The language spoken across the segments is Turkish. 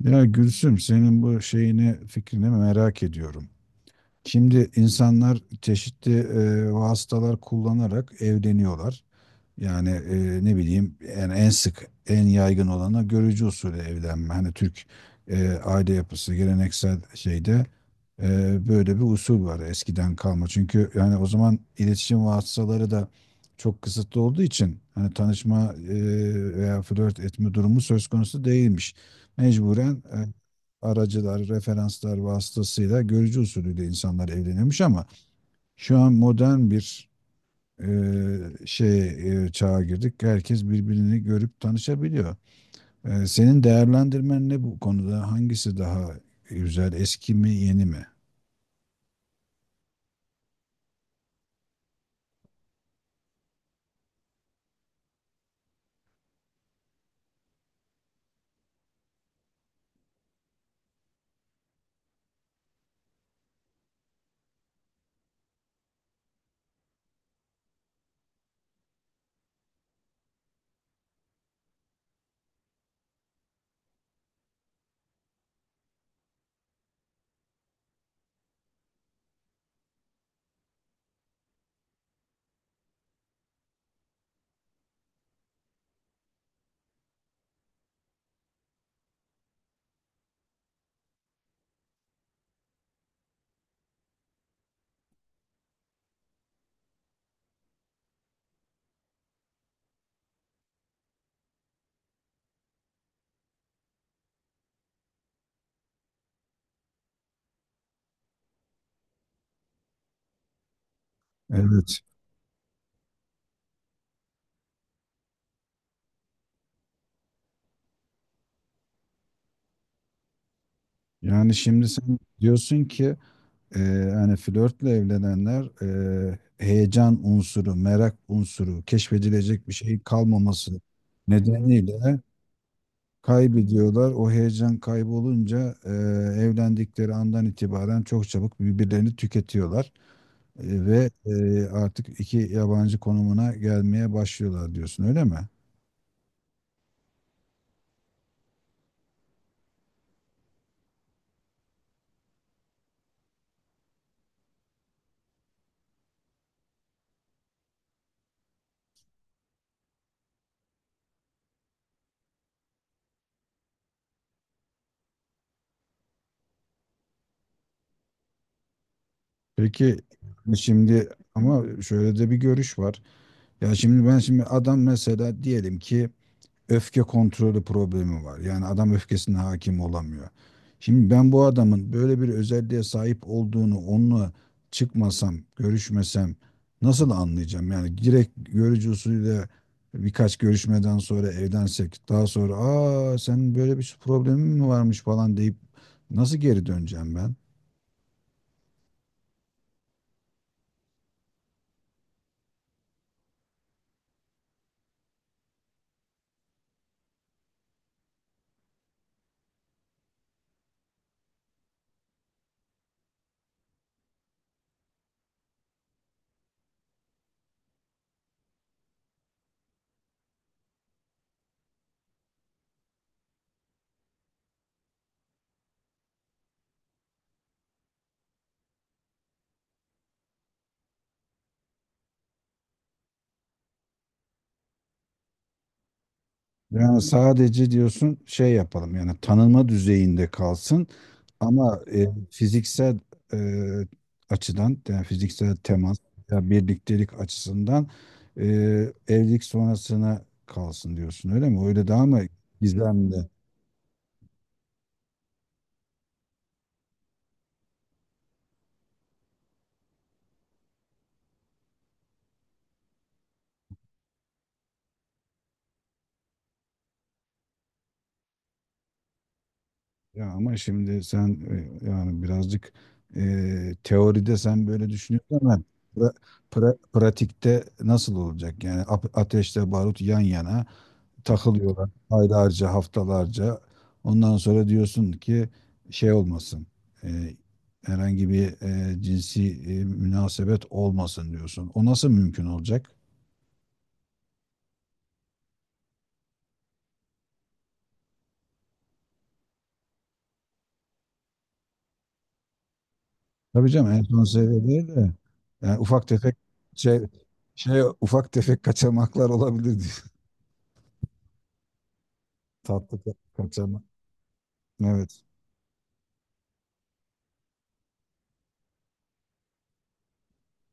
Ya Gülsüm, senin bu şeyini fikrini merak ediyorum. Şimdi insanlar çeşitli vasıtalar kullanarak evleniyorlar. Yani ne bileyim yani en sık en yaygın olanı görücü usulü evlenme. Hani Türk aile yapısı geleneksel şeyde, böyle bir usul var eskiden kalma. Çünkü yani o zaman iletişim vasıtaları da çok kısıtlı olduğu için hani tanışma veya flört etme durumu söz konusu değilmiş. Mecburen aracılar, referanslar vasıtasıyla görücü usulüyle insanlar evleniyormuş ama şu an modern bir e, şey çağa girdik. Herkes birbirini görüp tanışabiliyor. Senin değerlendirmen ne bu konuda? Hangisi daha güzel? Eski mi, yeni mi? Evet. Yani şimdi sen diyorsun ki e, hani flörtle evlenenler, heyecan unsuru, merak unsuru, keşfedilecek bir şey kalmaması nedeniyle kaybediyorlar. O heyecan kaybolunca evlendikleri andan itibaren çok çabuk birbirlerini tüketiyorlar. Ve artık iki yabancı konumuna gelmeye başlıyorlar diyorsun, öyle mi? Peki şimdi ama şöyle de bir görüş var. Ya şimdi ben şimdi adam mesela diyelim ki öfke kontrolü problemi var. Yani adam öfkesine hakim olamıyor. Şimdi ben bu adamın böyle bir özelliğe sahip olduğunu onunla çıkmasam, görüşmesem nasıl anlayacağım? Yani direkt görücü usulüyle birkaç görüşmeden sonra evlensek daha sonra aa sen böyle bir problemin mi varmış falan deyip nasıl geri döneceğim ben? Yani sadece diyorsun şey yapalım yani tanınma düzeyinde kalsın ama fiziksel e, açıdan yani fiziksel temas ya birliktelik açısından e, evlilik sonrasına kalsın diyorsun, öyle mi? Öyle daha mı gizemli? Ya ama şimdi sen, yani birazcık teoride sen böyle düşünüyorsun ama pra- pratikte nasıl olacak? Yani ateşle barut yan yana. Takılıyorlar aylarca, haftalarca. Ondan sonra diyorsun ki şey olmasın, e, herhangi bir cinsi münasebet olmasın diyorsun. O nasıl mümkün olacak? Tabii canım en son seviye değil de yani ufak tefek şey, ufak tefek kaçamaklar olabilir diyor. Tatlı kaçamak. Evet.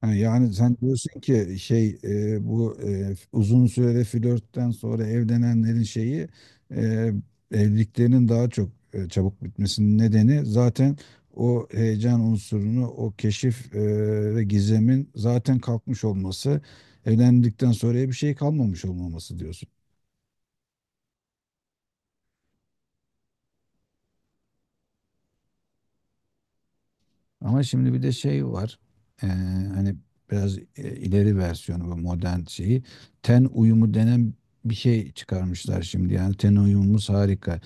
Ha, yani sen diyorsun ki şey, bu uzun süreli flörtten sonra evlenenlerin şeyi, e, evliliklerinin daha çok çabuk bitmesinin nedeni zaten o heyecan unsurunu, o keşif ve gizemin zaten kalkmış olması, evlendikten sonra bir şey kalmamış olmaması diyorsun. Ama şimdi bir de şey var. Ee, Hani biraz ileri versiyonu bu modern şeyi. Ten uyumu denen bir şey çıkarmışlar şimdi. Yani ten uyumumuz harika.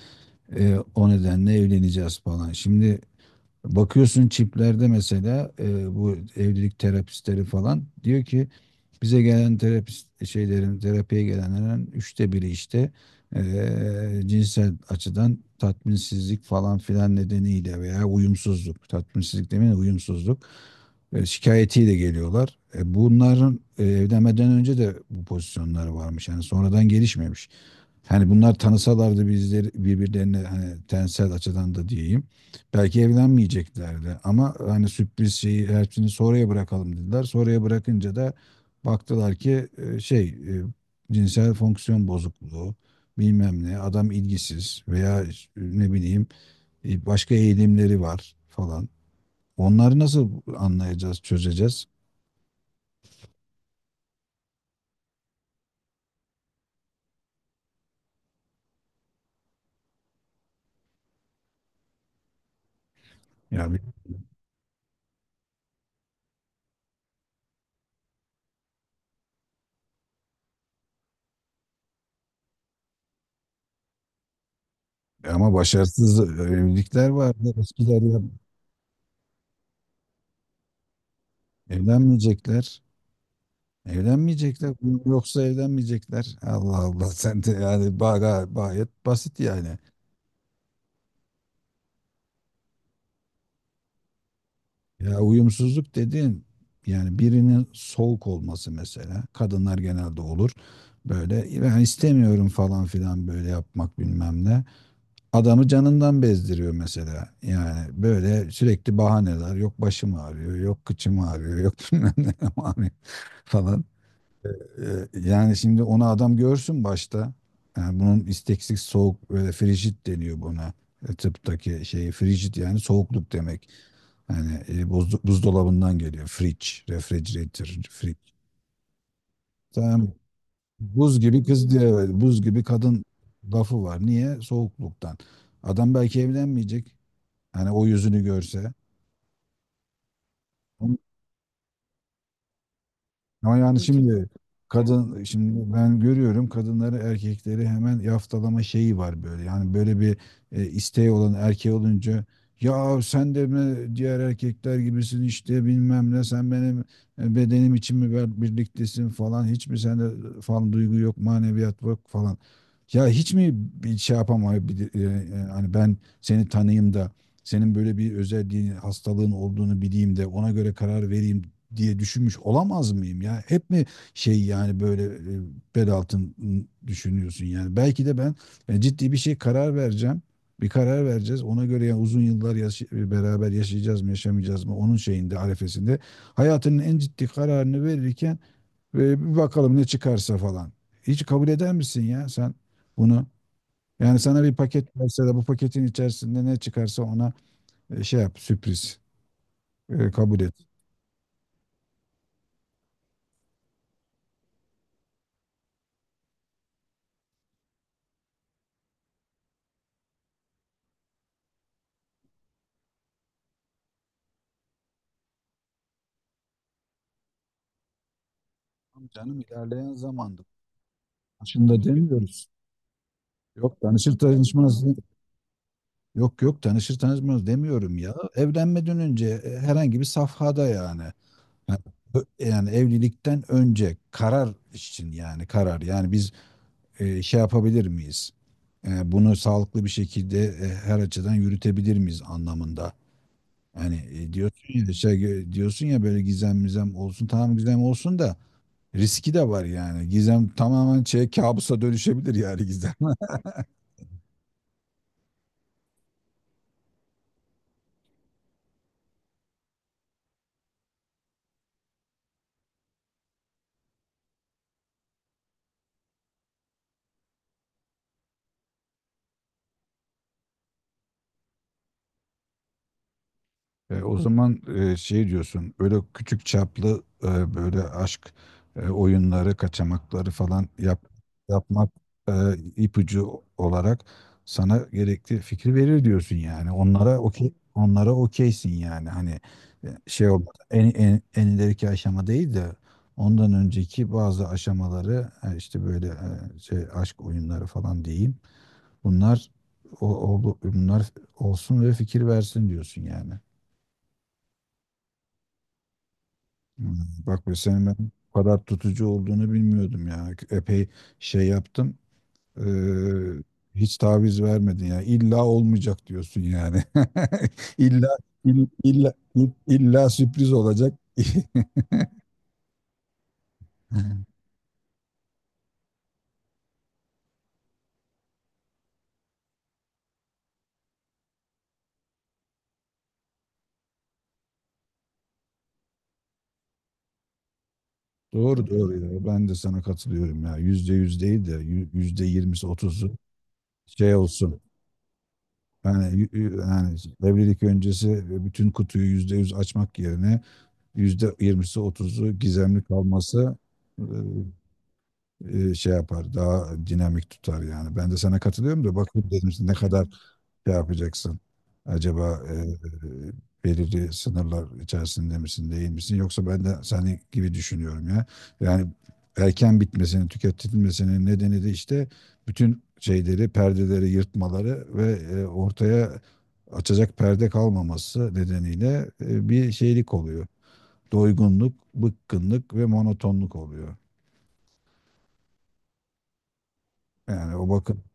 O nedenle evleneceğiz falan. Şimdi bakıyorsun çiplerde mesela bu evlilik terapistleri falan diyor ki bize gelen terapist şeylerin, terapiye gelenlerin 1/3'ü işte cinsel açıdan tatminsizlik falan filan nedeniyle veya uyumsuzluk, tatminsizlik demeyin uyumsuzluk şikayetiyle geliyorlar. Bunların evlenmeden önce de bu pozisyonları varmış. Yani sonradan gelişmemiş. Hani bunlar tanısalardı bizleri birbirlerine hani tensel açıdan da diyeyim. Belki evlenmeyeceklerdi ama hani sürpriz şeyi her şeyini sonraya bırakalım dediler. Sonraya bırakınca da baktılar ki şey, cinsel fonksiyon bozukluğu bilmem ne adam ilgisiz veya ne bileyim başka eğilimleri var falan. Onları nasıl anlayacağız, çözeceğiz? Ya, ama başarısız evlilikler vardı. Eskiler ya evlenmeyecekler. Evlenmeyecekler. Yoksa evlenmeyecekler. Allah Allah, sen de yani gayet basit yani. Ya uyumsuzluk dediğin yani birinin soğuk olması mesela. Kadınlar genelde olur. Böyle ben istemiyorum falan filan böyle yapmak bilmem ne. Adamı canından bezdiriyor mesela. Yani böyle sürekli bahaneler. Yok başım ağrıyor, yok kıçım ağrıyor, yok bilmem ne ağrıyor falan. Yani şimdi onu adam görsün başta. Yani bunun isteksiz soğuk böyle frijit deniyor buna. Tıptaki şeyi frijit yani soğukluk demek. Yani, buzdolabından geliyor. Fridge, refrigerator, fridge. Tamam. Buz gibi kız diye böyle, buz gibi kadın lafı var. Niye? Soğukluktan. Adam belki evlenmeyecek. Hani o yüzünü görse. Ama yani Ülke, şimdi kadın, şimdi ben görüyorum kadınları erkekleri hemen yaftalama şeyi var böyle. Yani böyle bir isteği olan erkeği olunca ya sen de mi diğer erkekler gibisin işte bilmem ne sen benim bedenim için mi birliktesin falan hiç mi sende falan duygu yok maneviyat yok falan. Ya hiç mi bir şey yapamayabilir, hani ben seni tanıyayım da senin böyle bir özelliğin hastalığın olduğunu bileyim de ona göre karar vereyim diye düşünmüş olamaz mıyım ya? Hep mi şey yani böyle, bel altın düşünüyorsun yani? Belki de ben ciddi bir şey karar vereceğim. Bir karar vereceğiz. Ona göre yani uzun yıllar beraber yaşayacağız mı, yaşamayacağız mı? Onun şeyinde, arefesinde. Hayatının en ciddi kararını verirken bir bakalım ne çıkarsa falan. Hiç kabul eder misin ya sen bunu? Yani sana bir paket verse de bu paketin içerisinde ne çıkarsa ona şey yap, sürpriz. Kabul et. Tamam canım, ilerleyen zamanda. Başında demiyoruz. Yok, tanışır tanışmaz. Yok yok, tanışır tanışmaz demiyorum ya. Evlenmeden önce herhangi bir safhada yani. Yani yani evlilikten önce karar için yani karar. Yani biz şey yapabilir miyiz? Bunu sağlıklı bir şekilde her açıdan yürütebilir miyiz anlamında. Yani, diyorsun ya şey, diyorsun ya böyle gizem mizem olsun, tamam gizem olsun da riski de var yani. Gizem tamamen şey kabusa dönüşebilir yani gizem. O zaman, şey diyorsun, öyle küçük çaplı, böyle aşk oyunları, kaçamakları falan yap, yapmak e, ipucu olarak sana gerekli fikri verir diyorsun yani. Onlara okey, onlara okeysin yani. Hani şey olmadan en ileriki aşama değil de ondan önceki bazı aşamaları, işte böyle, şey aşk oyunları falan diyeyim. Bunlar o, bunlar olsun ve fikir versin diyorsun yani. Hmm, Bak bu senin ben bu kadar tutucu olduğunu bilmiyordum ya. Epey şey yaptım. eee, Hiç taviz vermedin ya. İlla olmayacak diyorsun yani. İlla, illa illa sürpriz olacak. Doğru doğru ya. Ben de sana katılıyorum ya. %100 değil de %20'si otuzu şey olsun. Yani, yani evlilik öncesi bütün kutuyu %100 açmak yerine %20'si otuzu gizemli kalması, e, şey yapar, daha dinamik tutar yani. Ben de sana katılıyorum da bakayım dedim işte ne kadar şey yapacaksın. Acaba belirli sınırlar içerisinde misin, değil misin? Yoksa ben de seni gibi düşünüyorum ya. Yani erken bitmesinin, tüketilmesinin nedeni de işte bütün şeyleri, perdeleri yırtmaları ve ortaya açacak perde kalmaması nedeniyle bir şeylik oluyor. Doygunluk, bıkkınlık ve monotonluk oluyor. Yani o bakın,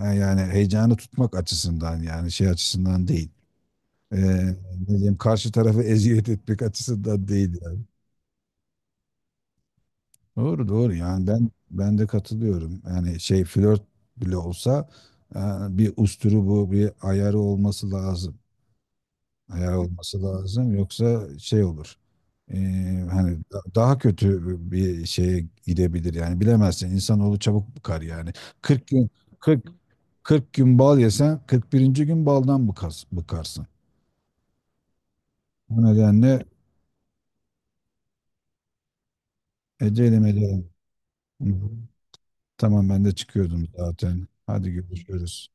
yani heyecanı tutmak açısından yani şey açısından değil. Ee, Ne diyeyim karşı tarafı eziyet etmek açısından değil yani. Doğru doğru yani ben de katılıyorum. Yani şey flört bile olsa e, bir usturu bu bir ayarı olması lazım. Ayarı olması lazım yoksa şey olur. Hani daha kötü bir şeye gidebilir yani bilemezsin insanoğlu çabuk bıkar yani. 40 gün, 40 40 gün bal yesen, 41. gün baldan bıkarsın. Bu nedenle ecelim ederim. Hı hı. Tamam ben de çıkıyordum zaten. Hadi görüşürüz.